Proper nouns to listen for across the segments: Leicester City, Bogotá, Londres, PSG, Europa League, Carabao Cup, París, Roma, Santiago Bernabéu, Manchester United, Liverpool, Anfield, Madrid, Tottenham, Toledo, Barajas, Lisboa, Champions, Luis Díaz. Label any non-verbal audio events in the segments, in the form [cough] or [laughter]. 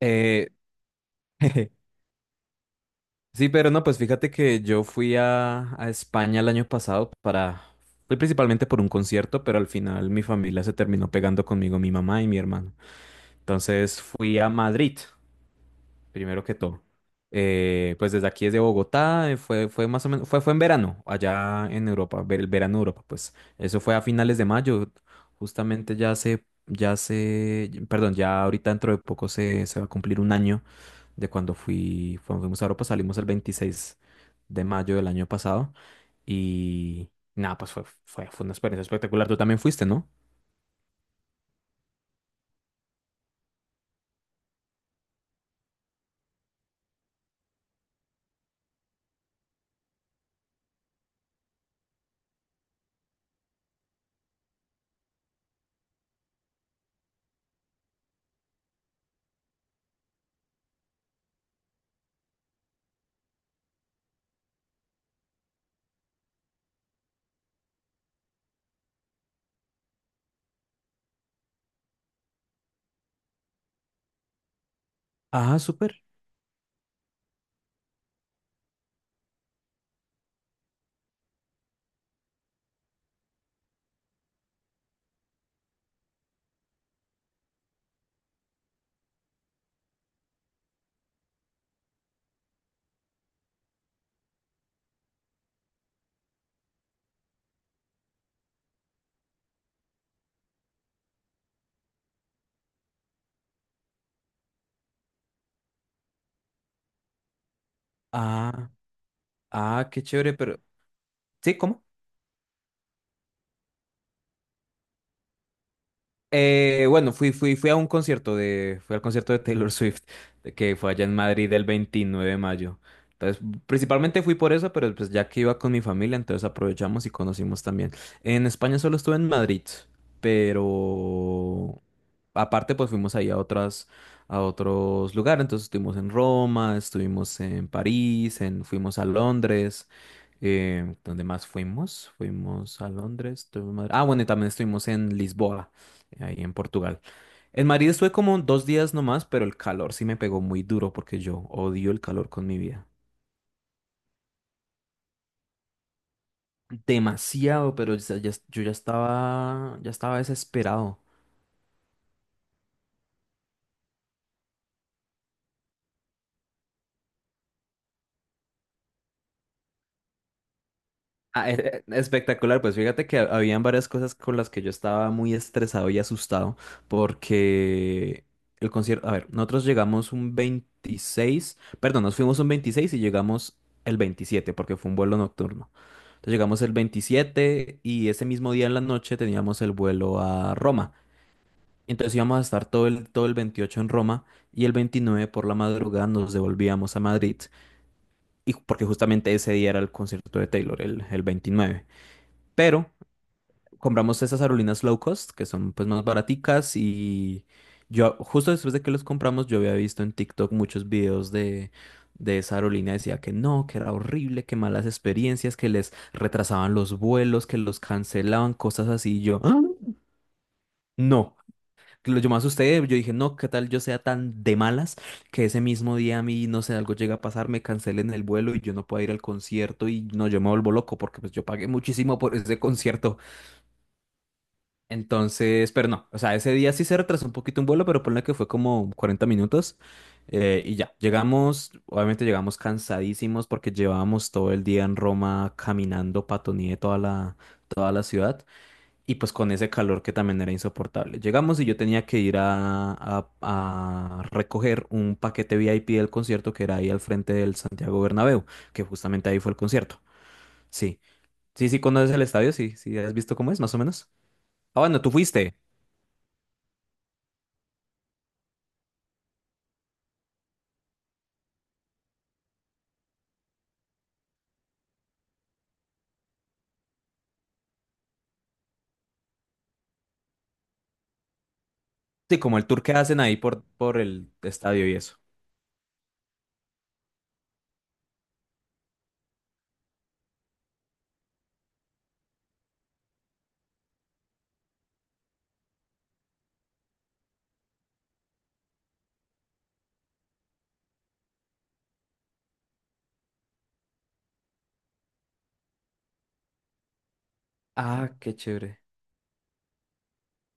Eh, [laughs] sí, pero no, pues fíjate que yo fui a España el año pasado para... Fui principalmente por un concierto, pero al final mi familia se terminó pegando conmigo, mi mamá y mi hermano. Entonces fui a Madrid, primero que todo. Pues desde aquí, desde Bogotá, fue más o menos, fue en verano, allá en Europa, el verano de Europa, pues eso fue a finales de mayo, justamente ya ahorita dentro de poco se va a cumplir un año de cuando fui, cuando fuimos a Europa, salimos el 26 de mayo del año pasado y nada, pues fue una experiencia espectacular. Tú también fuiste, ¿no? Ah, súper. Ah, ah, qué chévere, pero... ¿Sí? ¿Cómo? Bueno, fui a un fui al concierto de Taylor [laughs] Swift, de que fue allá en Madrid el 29 de mayo. Entonces, principalmente fui por eso, pero pues ya que iba con mi familia, entonces aprovechamos y conocimos también. En España solo estuve en Madrid, pero aparte pues fuimos ahí a a otros lugares. Entonces estuvimos en Roma, estuvimos en París, fuimos a Londres. ¿Dónde más fuimos? Fuimos a Londres. Estuvimos en Madrid. Ah, bueno, y también estuvimos en Lisboa ahí en Portugal. En Madrid estuve como dos días nomás, pero el calor sí me pegó muy duro porque yo odio el calor con mi vida. Demasiado, pero yo ya estaba desesperado. Ah, espectacular, pues fíjate que habían varias cosas con las que yo estaba muy estresado y asustado porque el concierto, a ver, nosotros llegamos un 26 perdón, nos fuimos un 26 y llegamos el 27 porque fue un vuelo nocturno. Entonces llegamos el 27 y ese mismo día en la noche teníamos el vuelo a Roma. Entonces íbamos a estar todo el 28 en Roma y el 29 por la madrugada nos devolvíamos a Madrid y porque justamente ese día era el concierto de Taylor, el 29. Pero compramos esas aerolíneas low cost, que son pues más baraticas y yo justo después de que los compramos yo había visto en TikTok muchos videos de esa aerolínea, decía que no, que era horrible, que malas experiencias, que les retrasaban los vuelos, que los cancelaban, cosas así, y yo, "Ah, no. Lo yo me asusté, yo dije, no, ¿qué tal yo sea tan de malas que ese mismo día a mí, no sé, algo llega a pasar, me cancelen el vuelo y yo no pueda ir al concierto y no, yo me vuelvo loco porque pues yo pagué muchísimo por ese concierto". Entonces, pero no, o sea, ese día sí se retrasó un poquito un vuelo, pero ponle que fue como 40 minutos y ya, llegamos, obviamente llegamos cansadísimos porque llevábamos todo el día en Roma caminando patoné toda la ciudad y pues con ese calor que también era insoportable. Llegamos y yo tenía que ir a recoger un paquete VIP del concierto que era ahí al frente del Santiago Bernabéu, que justamente ahí fue el concierto. Sí, sí, sí, conoces el estadio, sí, sí, has visto cómo es, más o menos. Ah, bueno, tú fuiste. Sí, como el tour que hacen ahí por el estadio y eso. Ah, qué chévere.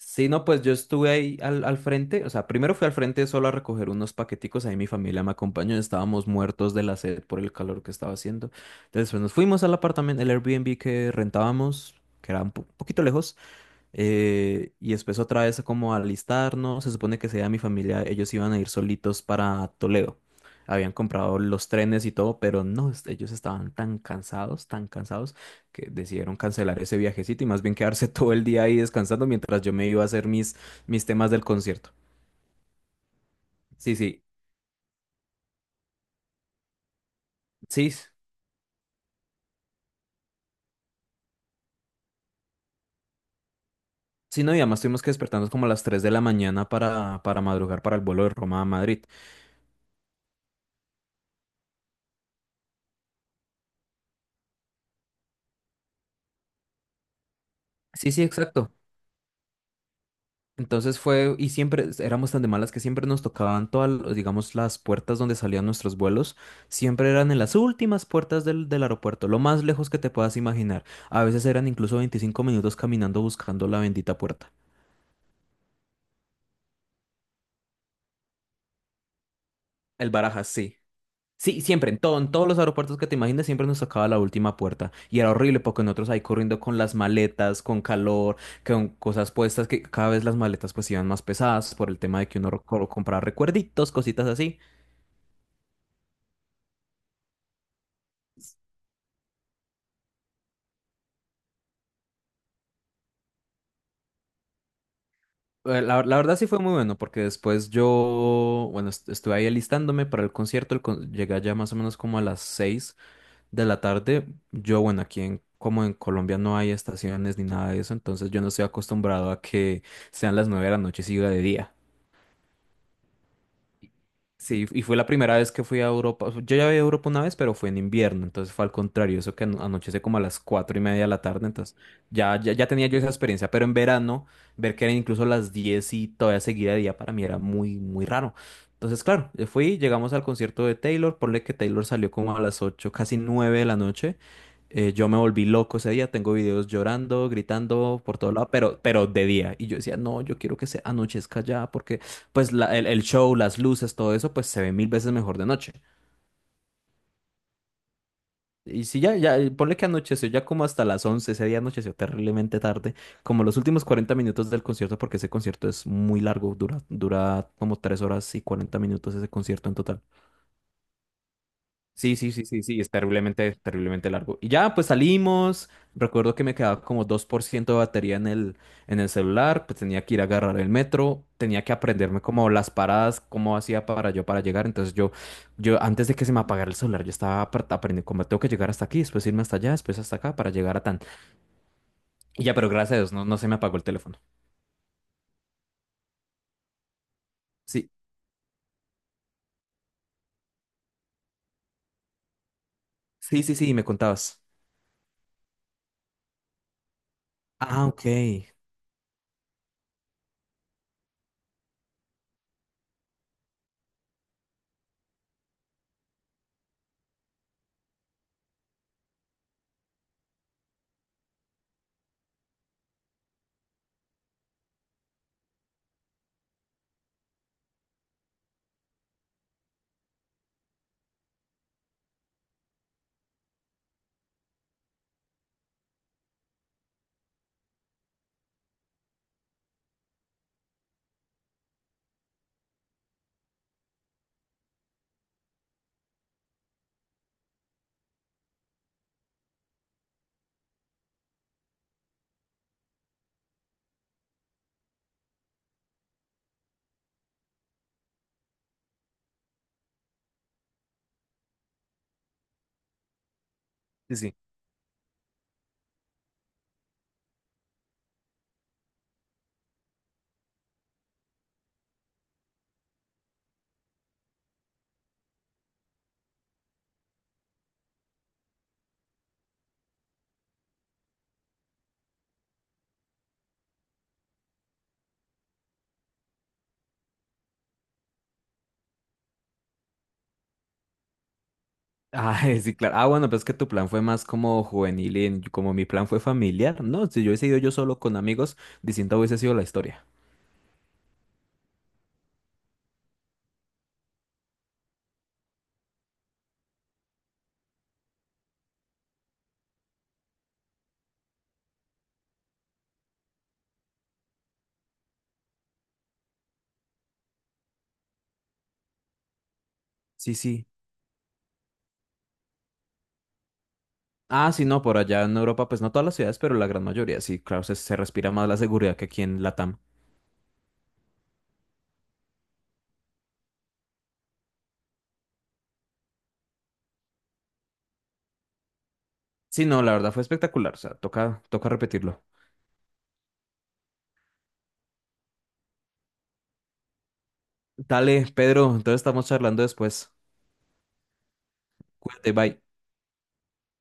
Sí, no, pues yo estuve ahí al frente, o sea, primero fui al frente solo a recoger unos paqueticos, ahí mi familia me acompañó, estábamos muertos de la sed por el calor que estaba haciendo. Entonces, pues, nos fuimos al apartamento, el Airbnb que rentábamos, que era un poquito lejos. Y después otra vez como a alistarnos, se supone que sea mi familia, ellos iban a ir solitos para Toledo. Habían comprado los trenes y todo, pero no, ellos estaban tan cansados, que decidieron cancelar ese viajecito y más bien quedarse [laughs] todo el día ahí descansando mientras yo me iba a hacer mis temas del concierto. Sí, sí, sí, sí, no, y además tuvimos que despertarnos como a las 3 de la mañana para madrugar para el vuelo de Roma a Madrid. Sí, sí, exacto. Entonces fue, y siempre éramos tan de malas que siempre nos tocaban todas, digamos, las puertas donde salían nuestros vuelos, siempre eran en las últimas puertas del aeropuerto, lo más lejos que te puedas imaginar. A veces eran incluso 25 minutos caminando buscando la bendita puerta. El Barajas, sí. Sí, siempre, en todo, en todos los aeropuertos que te imagines, siempre nos tocaba la última puerta. Y era horrible porque nosotros ahí corriendo con las maletas, con calor, con cosas puestas, que cada vez las maletas pues iban más pesadas por el tema de que uno compraba recuerditos, cositas así. La verdad sí fue muy bueno porque después yo, bueno, estuve ahí alistándome para el concierto, llegué allá más o menos como a las 6 de la tarde. Yo, bueno, como en Colombia no hay estaciones ni nada de eso, entonces yo no estoy acostumbrado a que sean las 9 de la noche y siga de día. Sí, y fue la primera vez que fui a Europa. Yo ya había ido a Europa una vez, pero fue en invierno, entonces fue al contrario, eso que anochece como a las 4:30 de la tarde, entonces ya tenía yo esa experiencia, pero en verano, ver que eran incluso las 10 y todavía seguía de día para mí era muy, muy raro. Entonces, claro, yo fui, llegamos al concierto de Taylor, ponle que Taylor salió como a las 8 casi 9 de la noche. Yo me volví loco ese día, tengo videos llorando, gritando por todo lado, pero de día. Y yo decía, no, yo quiero que se anochezca ya, porque pues el show, las luces, todo eso, pues se ve mil veces mejor de noche. Y si ponle que anocheció ya como hasta las 11 ese día anocheció terriblemente tarde, como los últimos 40 minutos del concierto, porque ese concierto es muy largo, dura como 3 horas y 40 minutos ese concierto en total. Sí, sí, sí, sí, sí, es terriblemente, terriblemente largo. Y ya, pues salimos. Recuerdo que me quedaba como 2% de batería en el celular, pues tenía que ir a agarrar el metro, tenía que aprenderme como las paradas, cómo hacía para yo para llegar. Entonces yo antes de que se me apagara el celular, yo estaba aprendiendo cómo tengo que llegar hasta aquí, después irme hasta allá, después hasta acá para llegar a tan. Y ya, pero gracias a Dios, no, no se me apagó el teléfono. Sí, sí, sí, sí, me contabas. Ah, ok. Sí, sí. Ah, [laughs] sí, claro. Ah, bueno, pero es que tu plan fue más como juvenil como mi plan fue familiar. No, si yo hubiese ido yo solo con amigos, distinta hubiese sido la historia. Sí, sí. Ah, sí, no, por allá en Europa, pues no todas las ciudades, pero la gran mayoría, sí, claro, se respira más la seguridad que aquí en Latam. Sí, no, la verdad fue espectacular, o sea, toca, toca repetirlo. Dale, Pedro, entonces estamos charlando después. Cuídate, bye.